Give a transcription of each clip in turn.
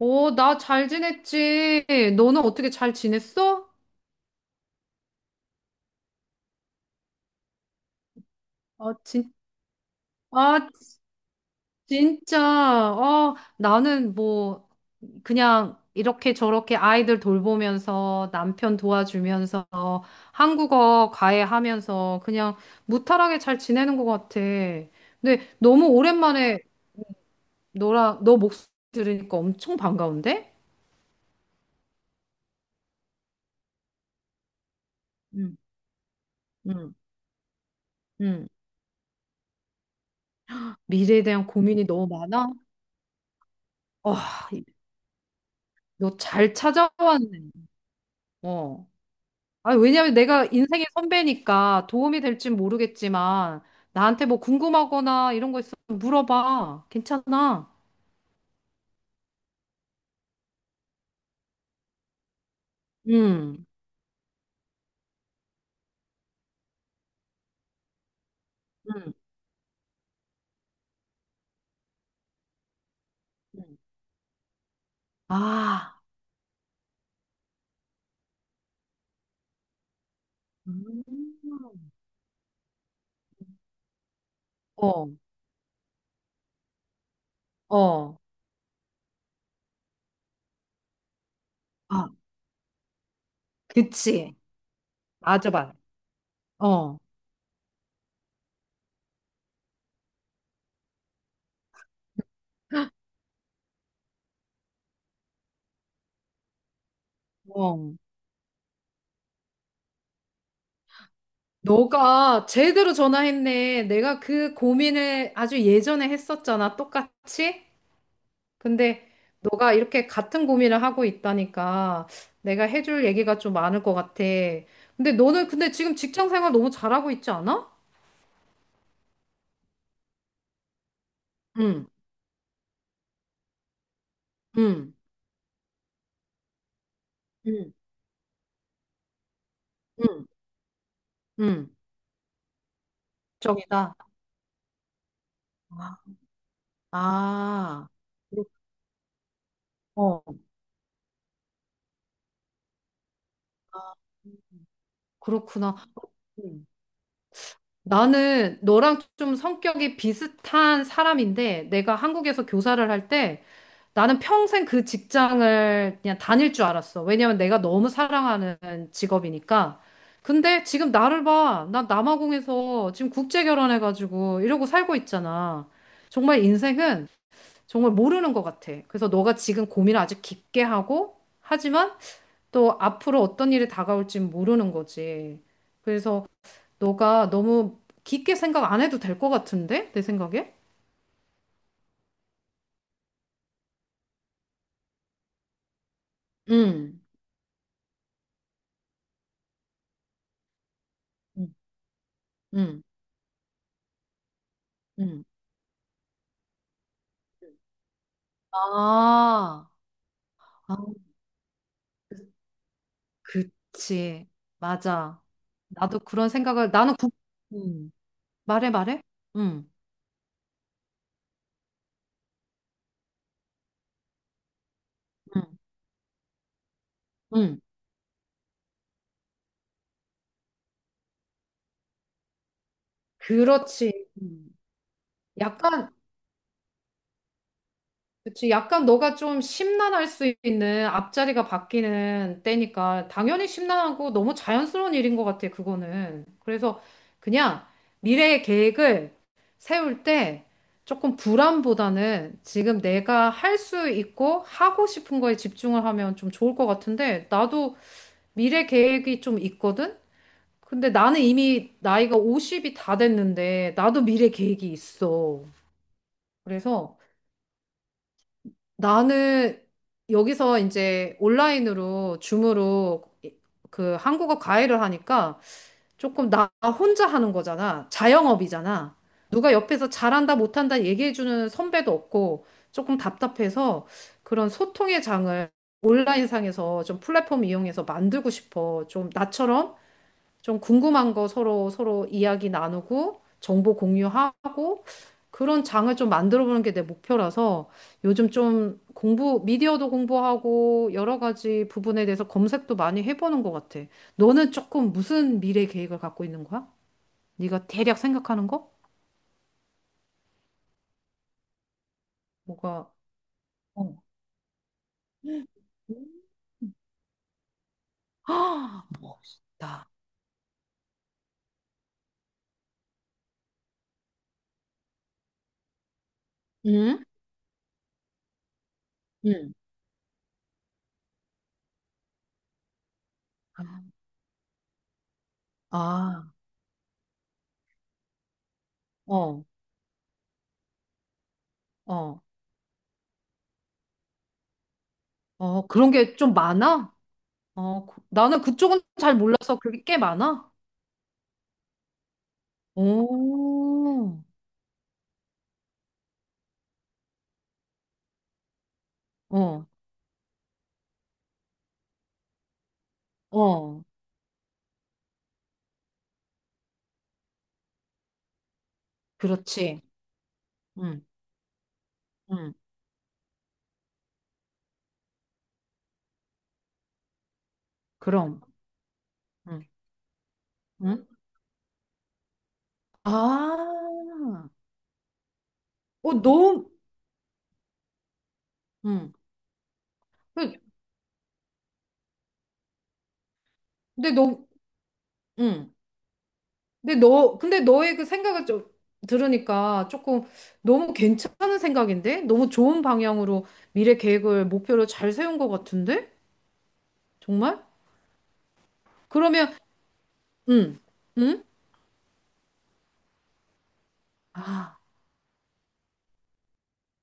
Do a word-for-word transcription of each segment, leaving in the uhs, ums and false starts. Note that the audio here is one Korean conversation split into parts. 오, 나 잘 지냈지. 너는 어떻게 잘 지냈어? 아, 진, 아, 진짜. 아, 나는 뭐, 그냥 이렇게 저렇게 아이들 돌보면서 남편 도와주면서 한국어 과외하면서 그냥 무탈하게 잘 지내는 것 같아. 근데 너무 오랜만에 너랑, 너 목소리 들으니까 엄청 반가운데? 응, 응. 응. 미래에 대한 고민이 너무 많아? 와, 너 잘 찾아왔네. 어. 아, 왜냐면 내가 인생의 선배니까 도움이 될진 모르겠지만 나한테 뭐 궁금하거나 이런 거 있으면 물어봐. 괜찮아. 응. 응. 응. 아. 음. 어. 어. 아, 그치. 맞아, 맞아. 어. 어. 너가 제대로 전화했네. 내가 그 고민을 아주 예전에 했었잖아. 똑같이. 근데 너가 이렇게 같은 고민을 하고 있다니까 내가 해줄 얘기가 좀 많을 것 같아. 근데 너는 근데 지금 직장 생활 너무 잘하고 있지 않아? 응, 응, 응, 응, 응. 정이다. 아, 아. 그렇- 어. 아, 그렇구나. 음. 나는 너랑 좀 성격이 비슷한 사람인데 내가 한국에서 교사를 할때 나는 평생 그 직장을 그냥 다닐 줄 알았어. 왜냐면 내가 너무 사랑하는 직업이니까. 근데 지금 나를 봐. 나 남아공에서 지금 국제 결혼해가지고 이러고 살고 있잖아. 정말 인생은 정말 모르는 것 같아. 그래서 너가 지금 고민을 아주 깊게 하고, 하지만 또 앞으로 어떤 일이 다가올지 모르는 거지. 그래서 너가 너무 깊게 생각 안 해도 될 것 같은데? 내 생각에? 응, 응, 응. 응. 아, 아. 그치. 맞아. 나도 그런 생각을, 나는 국, 음. 말해, 말해? 응, 응, 응. 그렇지. 음. 약간, 그치. 약간 너가 좀 심란할 수 있는 앞자리가 바뀌는 때니까, 당연히 심란하고 너무 자연스러운 일인 것 같아, 그거는. 그래서 그냥 미래의 계획을 세울 때 조금 불안보다는 지금 내가 할 수 있고 하고 싶은 거에 집중을 하면 좀 좋을 것 같은데, 나도 미래 계획이 좀 있거든? 근데 나는 이미 나이가 오십이 다 됐는데, 나도 미래 계획이 있어. 그래서 나는 여기서 이제 온라인으로, 줌으로 그 한국어 과외를 하니까 조금 나 혼자 하는 거잖아. 자영업이잖아. 누가 옆에서 잘한다, 못한다 얘기해주는 선배도 없고, 조금 답답해서 그런 소통의 장을 온라인상에서 좀 플랫폼 이용해서 만들고 싶어. 좀 나처럼 좀 궁금한 거 서로 서로 이야기 나누고 정보 공유하고 그런 장을 좀 만들어 보는 게 내 목표라서 요즘 좀 공부, 미디어도 공부하고 여러 가지 부분에 대해서 검색도 많이 해보는 것 같아. 너는 조금 무슨 미래 계획을 갖고 있는 거야? 네가 대략 생각하는 거? 뭐가? 어. 아, 나. 응? 응. 아, 어, 어, 어, 그런 게 좀 많아? 어, 그- 나는 그쪽은 잘 몰라서 그게 꽤 많아? 오, 어, 어, 그렇지. 응, 응, 그럼, 응, 응. 아, 어, 너, 응. 그- 근데 너, 응. 근데 너, 근데 너의 그 생각을 좀 들으니까 조금 너무 괜찮은 생각인데? 너무 좋은 방향으로 미래 계획을, 목표를 잘 세운 것 같은데? 정말? 그러면, 응, 응? 아,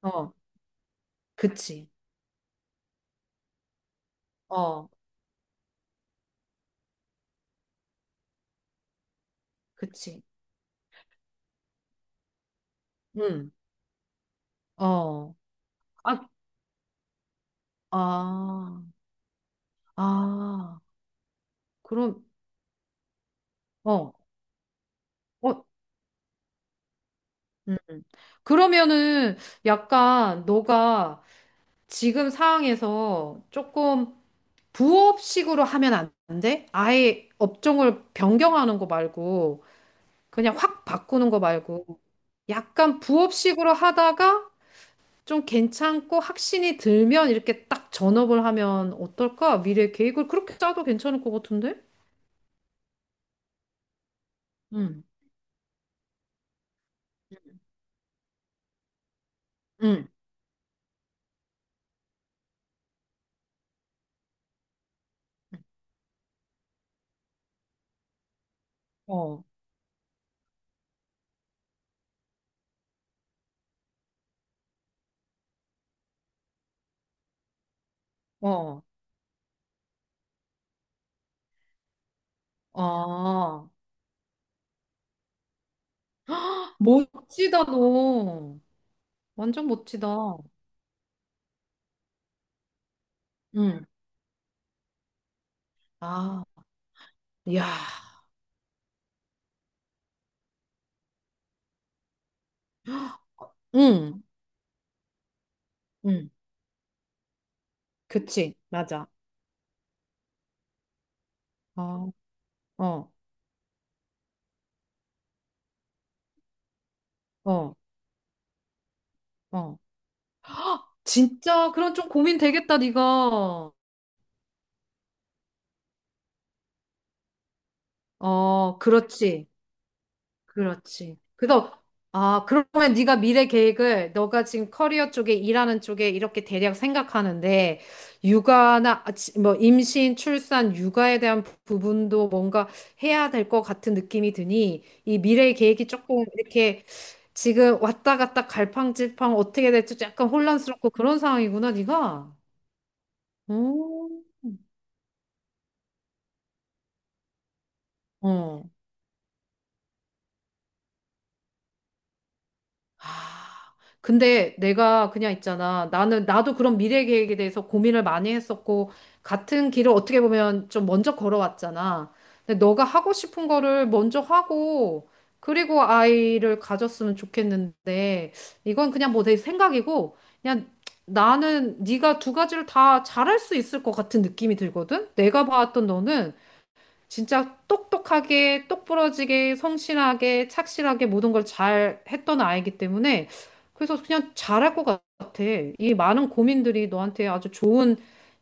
어, 그치. 어, 그치. 응, 어. 아, 아. 아, 그럼, 어, 어, 음. 그러면은 약간 너가 지금 상황에서 조금 부업식으로 하면 안 돼? 아예 업종을 변경하는 거 말고, 그냥 확 바꾸는 거 말고, 약간 부업식으로 하다가 좀 괜찮고 확신이 들면 이렇게 딱 전업을 하면 어떨까? 미래 계획을 그렇게 짜도 괜찮을 것 같은데? 응, 응, 어, 어, 어. 멋지다, 너. 완전 멋지다. 응, 아, 야, 응, 응, 그치, 맞아. 어, 어, 어, 어. 진짜, 그런 좀 고민 되겠다, 네가. 어, 그렇지. 그렇지. 그래서 아, 그러면 네가 미래 계획을 너가 지금 커리어 쪽에 일하는 쪽에 이렇게 대략 생각하는데 육아나 아, 지- 뭐 임신, 출산, 육아에 대한 부- 부분도 뭔가 해야 될 것 같은 느낌이 드니 이 미래 계획이 조금 이렇게 지금 왔다 갔다 갈팡질팡 어떻게 될지 약간 혼란스럽고 그런 상황이구나, 네가. 오, 어. 아. 근데 내가 그냥 있잖아. 나는, 나도 그런 미래 계획에 대해서 고민을 많이 했었고, 같은 길을 어떻게 보면 좀 먼저 걸어왔잖아. 근데 너가 하고 싶은 거를 먼저 하고, 그리고 아이를 가졌으면 좋겠는데, 이건 그냥 뭐 내 생각이고, 그냥 나는 네가 두 가지를 다 잘할 수 있을 것 같은 느낌이 들거든? 내가 봤던 너는 진짜 똑똑하게, 똑부러지게, 성실하게, 착실하게 모든 걸 잘 했던 아이기 때문에 그래서 그냥 잘할 것 같아. 이 많은 고민들이 너한테 아주 좋은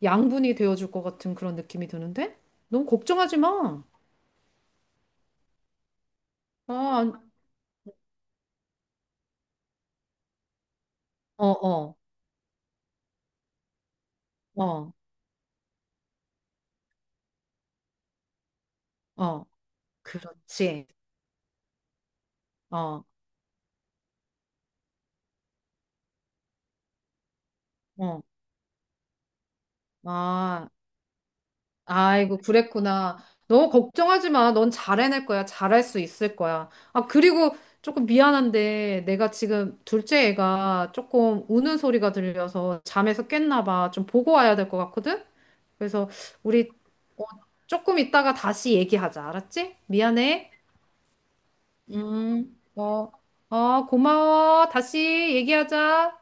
양분이 되어줄 것 같은 그런 느낌이 드는데? 너무 걱정하지 마. 아, 안- 어, 어, 어, 어. 그렇지. 어, 어. 아. 아이고, 그랬구나. 너 걱정하지 마. 넌 잘해낼 거야. 잘할 수 있을 거야. 아, 그리고 조금 미안한데 내가 지금 둘째 애가 조금 우는 소리가 들려서 잠에서 깼나 봐. 좀 보고 와야 될 것 같거든? 그래서 우리 어, 조금 있다가 다시 얘기하자. 알았지? 미안해. 음, 어, 어, 고마워. 다시 얘기하자.